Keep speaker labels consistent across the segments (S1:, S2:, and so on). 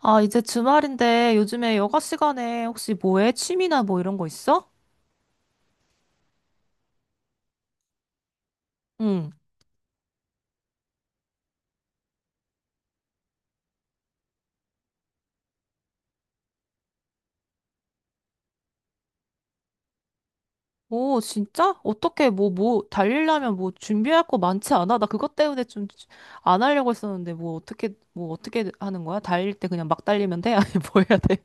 S1: 아, 이제 주말인데 요즘에 여가 시간에 혹시 뭐 해? 취미나 뭐 이런 거 있어? 응. 오, 진짜? 어떻게 달리려면 뭐 준비할 거 많지 않아? 나 그것 때문에 좀 안 하려고 했었는데 뭐 어떻게, 뭐 어떻게 하는 거야? 달릴 때 그냥 막 달리면 돼? 아니, 뭐 해야 돼?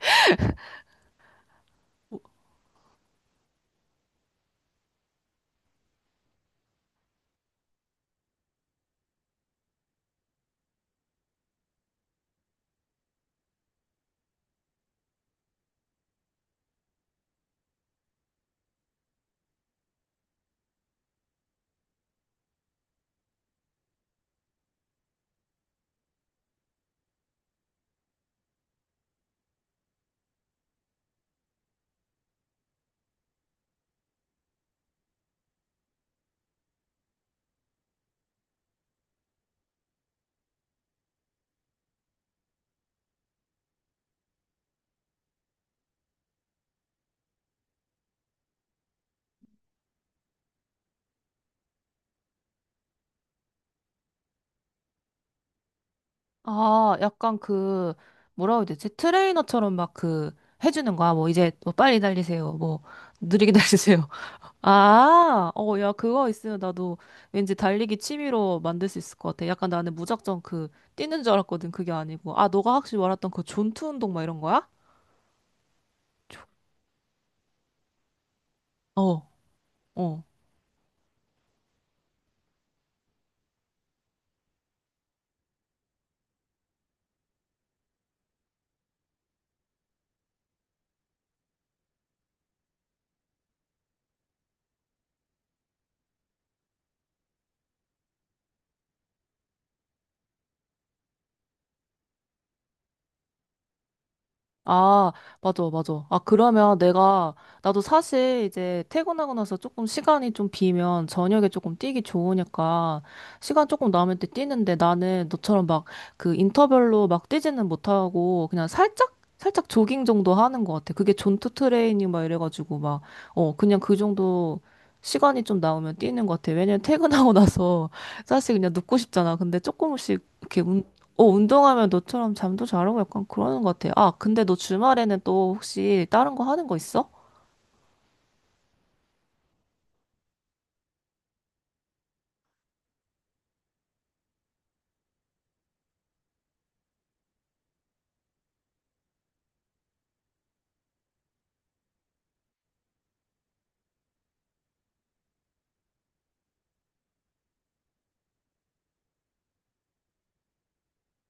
S1: 아, 약간 그, 뭐라고 해야 되지? 트레이너처럼 막 그, 해주는 거야. 뭐 이제 뭐 빨리 달리세요. 뭐 느리게 달리세요. 아, 어, 야, 그거 있으면 나도 왠지 달리기 취미로 만들 수 있을 것 같아. 약간 나는 무작정 그, 뛰는 줄 알았거든. 그게 아니고. 아, 너가 확실히 말했던 그 존투 운동 막 이런 거야? 어. 어. 아, 맞아, 맞아. 아, 그러면 내가, 나도 사실 이제 퇴근하고 나서 조금 시간이 좀 비면 저녁에 조금 뛰기 좋으니까 시간 조금 남을 때 뛰는데 나는 너처럼 막 그 인터벌로 막 뛰지는 못하고 그냥 살짝, 살짝 조깅 정도 하는 것 같아. 그게 존투 트레이닝 막 이래가지고 막, 어, 그냥 그 정도 시간이 좀 나오면 뛰는 것 같아. 왜냐면 퇴근하고 나서 사실 그냥 눕고 싶잖아. 근데 조금씩 이렇게 어, 운동하면 너처럼 잠도 잘 오고 약간 그러는 것 같아. 아, 근데 너 주말에는 또 혹시 다른 거 하는 거 있어?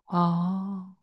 S1: 아.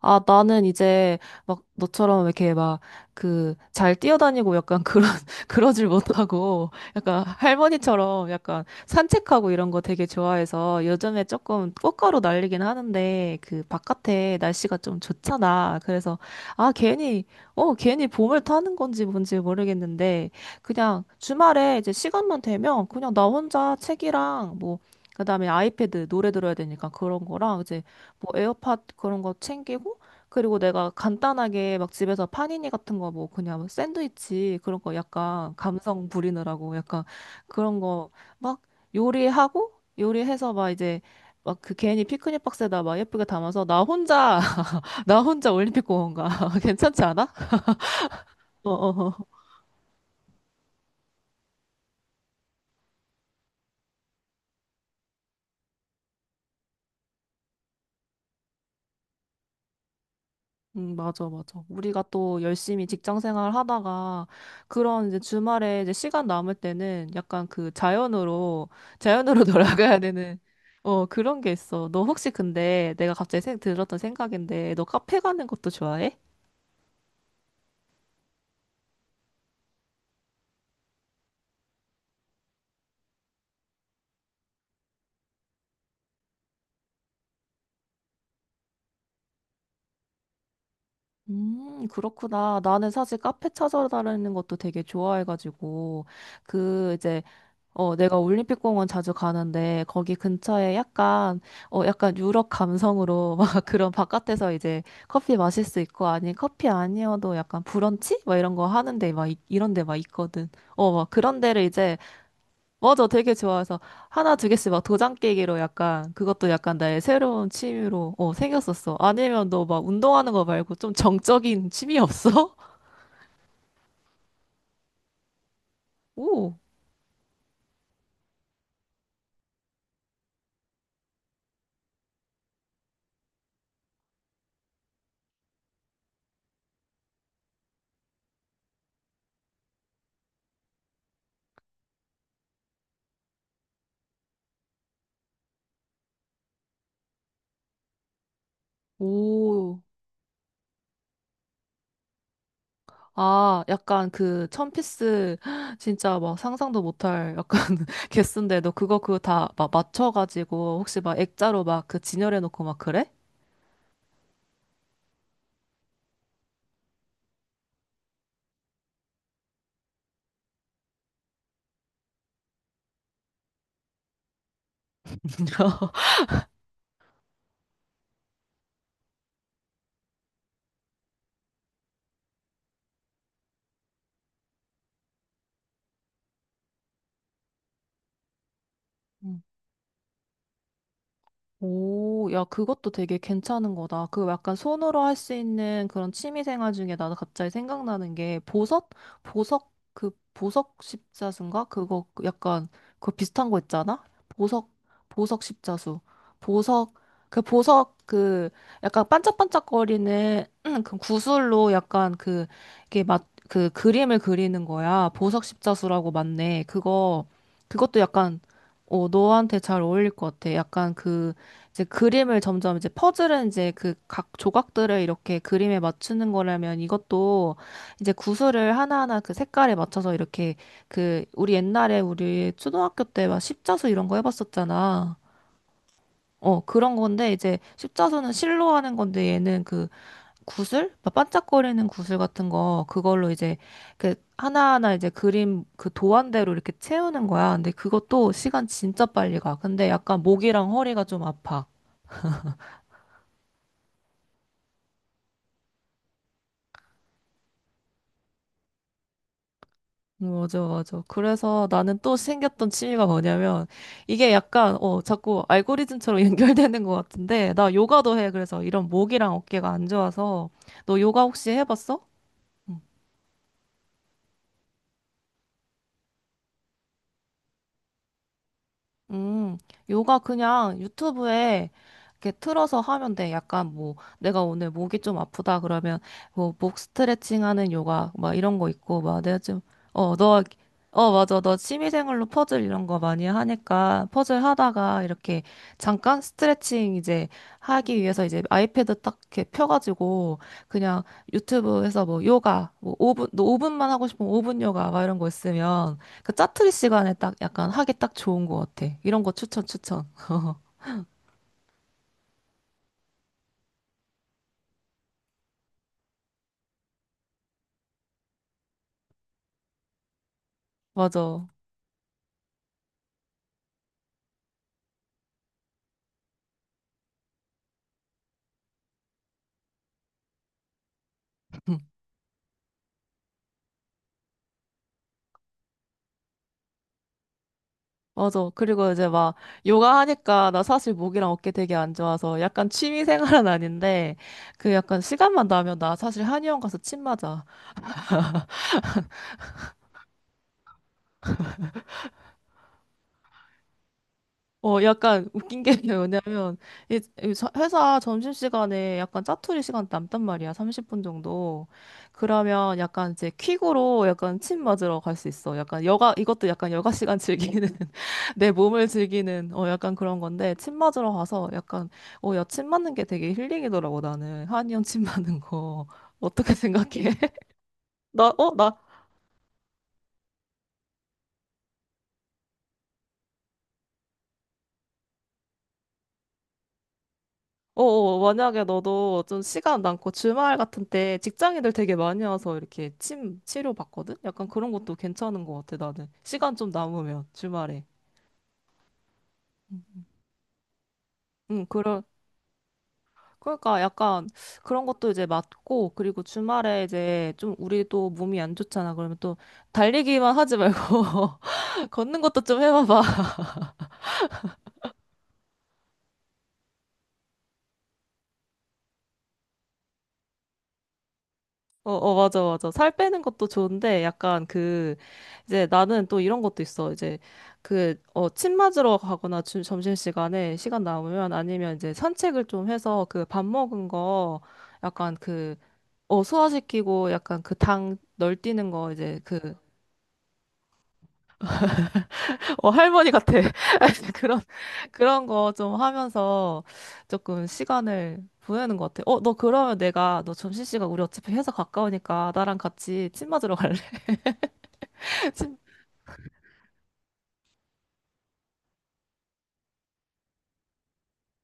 S1: 아, 나는 이제 막 너처럼 이렇게 막 그 잘 뛰어다니고 약간 그런, 그러질 못하고 약간 할머니처럼 약간 산책하고 이런 거 되게 좋아해서 요즘에 조금 꽃가루 날리긴 하는데 그 바깥에 날씨가 좀 좋잖아. 그래서 아, 괜히, 어, 괜히 봄을 타는 건지 뭔지 모르겠는데 그냥 주말에 이제 시간만 되면 그냥 나 혼자 책이랑 뭐 그다음에 아이패드 노래 들어야 되니까 그런 거랑 이제 뭐 에어팟 그런 거 챙기고 그리고 내가 간단하게 막 집에서 파니니 같은 거 뭐 그냥 뭐 샌드위치 그런 거 약간 감성 부리느라고 약간 그런 거 막 요리하고 요리해서 막 이제 막 그 괜히 피크닉 박스에다 막 예쁘게 담아서 나 혼자 나 혼자 올림픽 공원 가 괜찮지 않아? 어어. 맞아, 맞아. 우리가 또 열심히 직장 생활 하다가 그런 이제 주말에 이제 시간 남을 때는 약간 그 자연으로, 자연으로 돌아가야 되는, 어, 그런 게 있어. 너 혹시 근데 내가 갑자기 생, 들었던 생각인데 너 카페 가는 것도 좋아해? 그렇구나. 나는 사실 카페 찾아다니는 것도 되게 좋아해가지고, 그, 이제, 어, 내가 올림픽공원 자주 가는데 거기 근처에 약간 어 약간 유럽 감성으로 막 그런 바깥에서 이제 커피 마실 수 있고 아니 커피 아니어도 약간 브런치 막 이런 거 하는데 막 이런 데 막 있거든. 어, 막 그런 데를 이제 맞아 되게 좋아해서 하나 두 개씩 막 도장 깨기로 약간 그것도 약간 나의 새로운 취미로 어 생겼었어. 아니면 너 막 운동하는 거 말고 좀 정적인 취미 없어? 오, 오. 아, 약간 그 천피스 진짜 막 상상도 못할 약간 개수인데 너 그거 다 막 맞춰가지고 혹시 막 액자로 막 그 진열해놓고 막 그래? 음. 오, 야, 그것도 되게 괜찮은 거다. 그 약간 손으로 할 수 있는 그런 취미 생활 중에 나도 갑자기 생각나는 게 보석? 보석, 그 보석 십자수인가? 그거 그 약간, 그거 비슷한 거 있잖아? 보석, 보석 십자수. 보석, 그 보석, 그 약간 반짝반짝거리는 그 구슬로 약간 그, 이게 막, 그 그림을 그리는 거야. 보석 십자수라고 맞네. 그거, 그것도 약간, 어, 너한테 잘 어울릴 것 같아. 약간 그, 이제 그림을 점점 이제 퍼즐은 이제 그 각 조각들을 이렇게 그림에 맞추는 거라면 이것도 이제 구슬을 하나하나 그 색깔에 맞춰서 이렇게 그 우리 옛날에 우리 초등학교 때 막 십자수 이런 거 해봤었잖아. 어, 그런 건데 이제 십자수는 실로 하는 건데 얘는 그 구슬? 막 반짝거리는 구슬 같은 거 그걸로 이제 그 하나하나 이제 그림 그 도안대로 이렇게 채우는 거야. 근데 그것도 시간 진짜 빨리 가. 근데 약간 목이랑 허리가 좀 아파. 맞아, 맞아. 그래서 나는 또 생겼던 취미가 뭐냐면, 이게 약간, 어, 자꾸 알고리즘처럼 연결되는 것 같은데, 나 요가도 해. 그래서 이런 목이랑 어깨가 안 좋아서, 너 요가 혹시 해봤어? 응. 음, 요가 그냥 유튜브에 이렇게 틀어서 하면 돼. 약간 뭐, 내가 오늘 목이 좀 아프다 그러면, 뭐, 목 스트레칭 하는 요가, 막 이런 거 있고, 막 내가 좀, 어, 너, 어, 맞아. 너 취미생활로 퍼즐 이런 거 많이 하니까, 퍼즐 하다가 이렇게 잠깐 스트레칭 이제 하기 위해서 이제 아이패드 딱 이렇게 펴가지고, 그냥 유튜브에서 뭐, 요가, 뭐, 5분, 너분만 하고 싶으면 5분 요가, 막 이런 거 있으면, 그 짜투리 시간에 딱 약간 하기 딱 좋은 것 같아. 이런 거 추천, 추천. 맞아. 음, 맞아. 그리고 이제 막 요가 하니까 나 사실 목이랑 어깨 되게 안 좋아서 약간 취미 생활은 아닌데 그 약간 시간만 나면 나 사실 한의원 가서 침 맞아. 어, 약간 웃긴 게 왜냐면, 이- 회사 점심시간에 약간 짜투리 시간 남단 말이야, 30분 정도. 그러면 약간 이제 퀵으로 약간 침 맞으러 갈 수 있어. 약간 여가, 이것도 약간 여가 시간 즐기는, 내 몸을 즐기는, 어, 약간 그런 건데, 침 맞으러 가서 약간, 어, 야, 침 맞는 게 되게 힐링이더라고, 나는. 한이형 침 맞는 거. 어떻게 생각해? 나, 어, 나, 어, 어, 만약에 너도 좀 시간 남고 주말 같은 때 직장인들 되게 많이 와서 이렇게 침 치료 받거든? 약간 그런 것도 괜찮은 것 같아, 나는. 시간 좀 남으면, 주말에. 응, 그럴, 그러니까 약간 그런 것도 이제 맞고, 그리고 주말에 이제 좀 우리도 몸이 안 좋잖아. 그러면 또 달리기만 하지 말고, 걷는 것도 좀 해봐봐. 어, 어, 맞아, 맞아. 살 빼는 것도 좋은데, 약간 그, 이제 나는 또 이런 것도 있어. 이제 그, 어, 침 맞으러 가거나 주, 점심시간에 시간 남으면 아니면 이제 산책을 좀 해서 그 밥 먹은 거 약간 그, 어, 소화시키고 약간 그 당 널뛰는 거 이제 그, 어, 할머니 같아. 그런, 그런 거 좀 하면서 조금 시간을 보내는 것 같아. 어, 너 그러면 내가, 너 점심시간 우리 어차피 회사 가까우니까 나랑 같이 침 맞으러 갈래?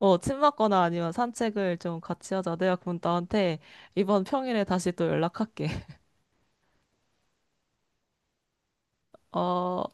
S1: 어, 침 맞거나 아니면 산책을 좀 같이 하자. 내가 그럼 나한테 이번 평일에 다시 또 연락할게. 어,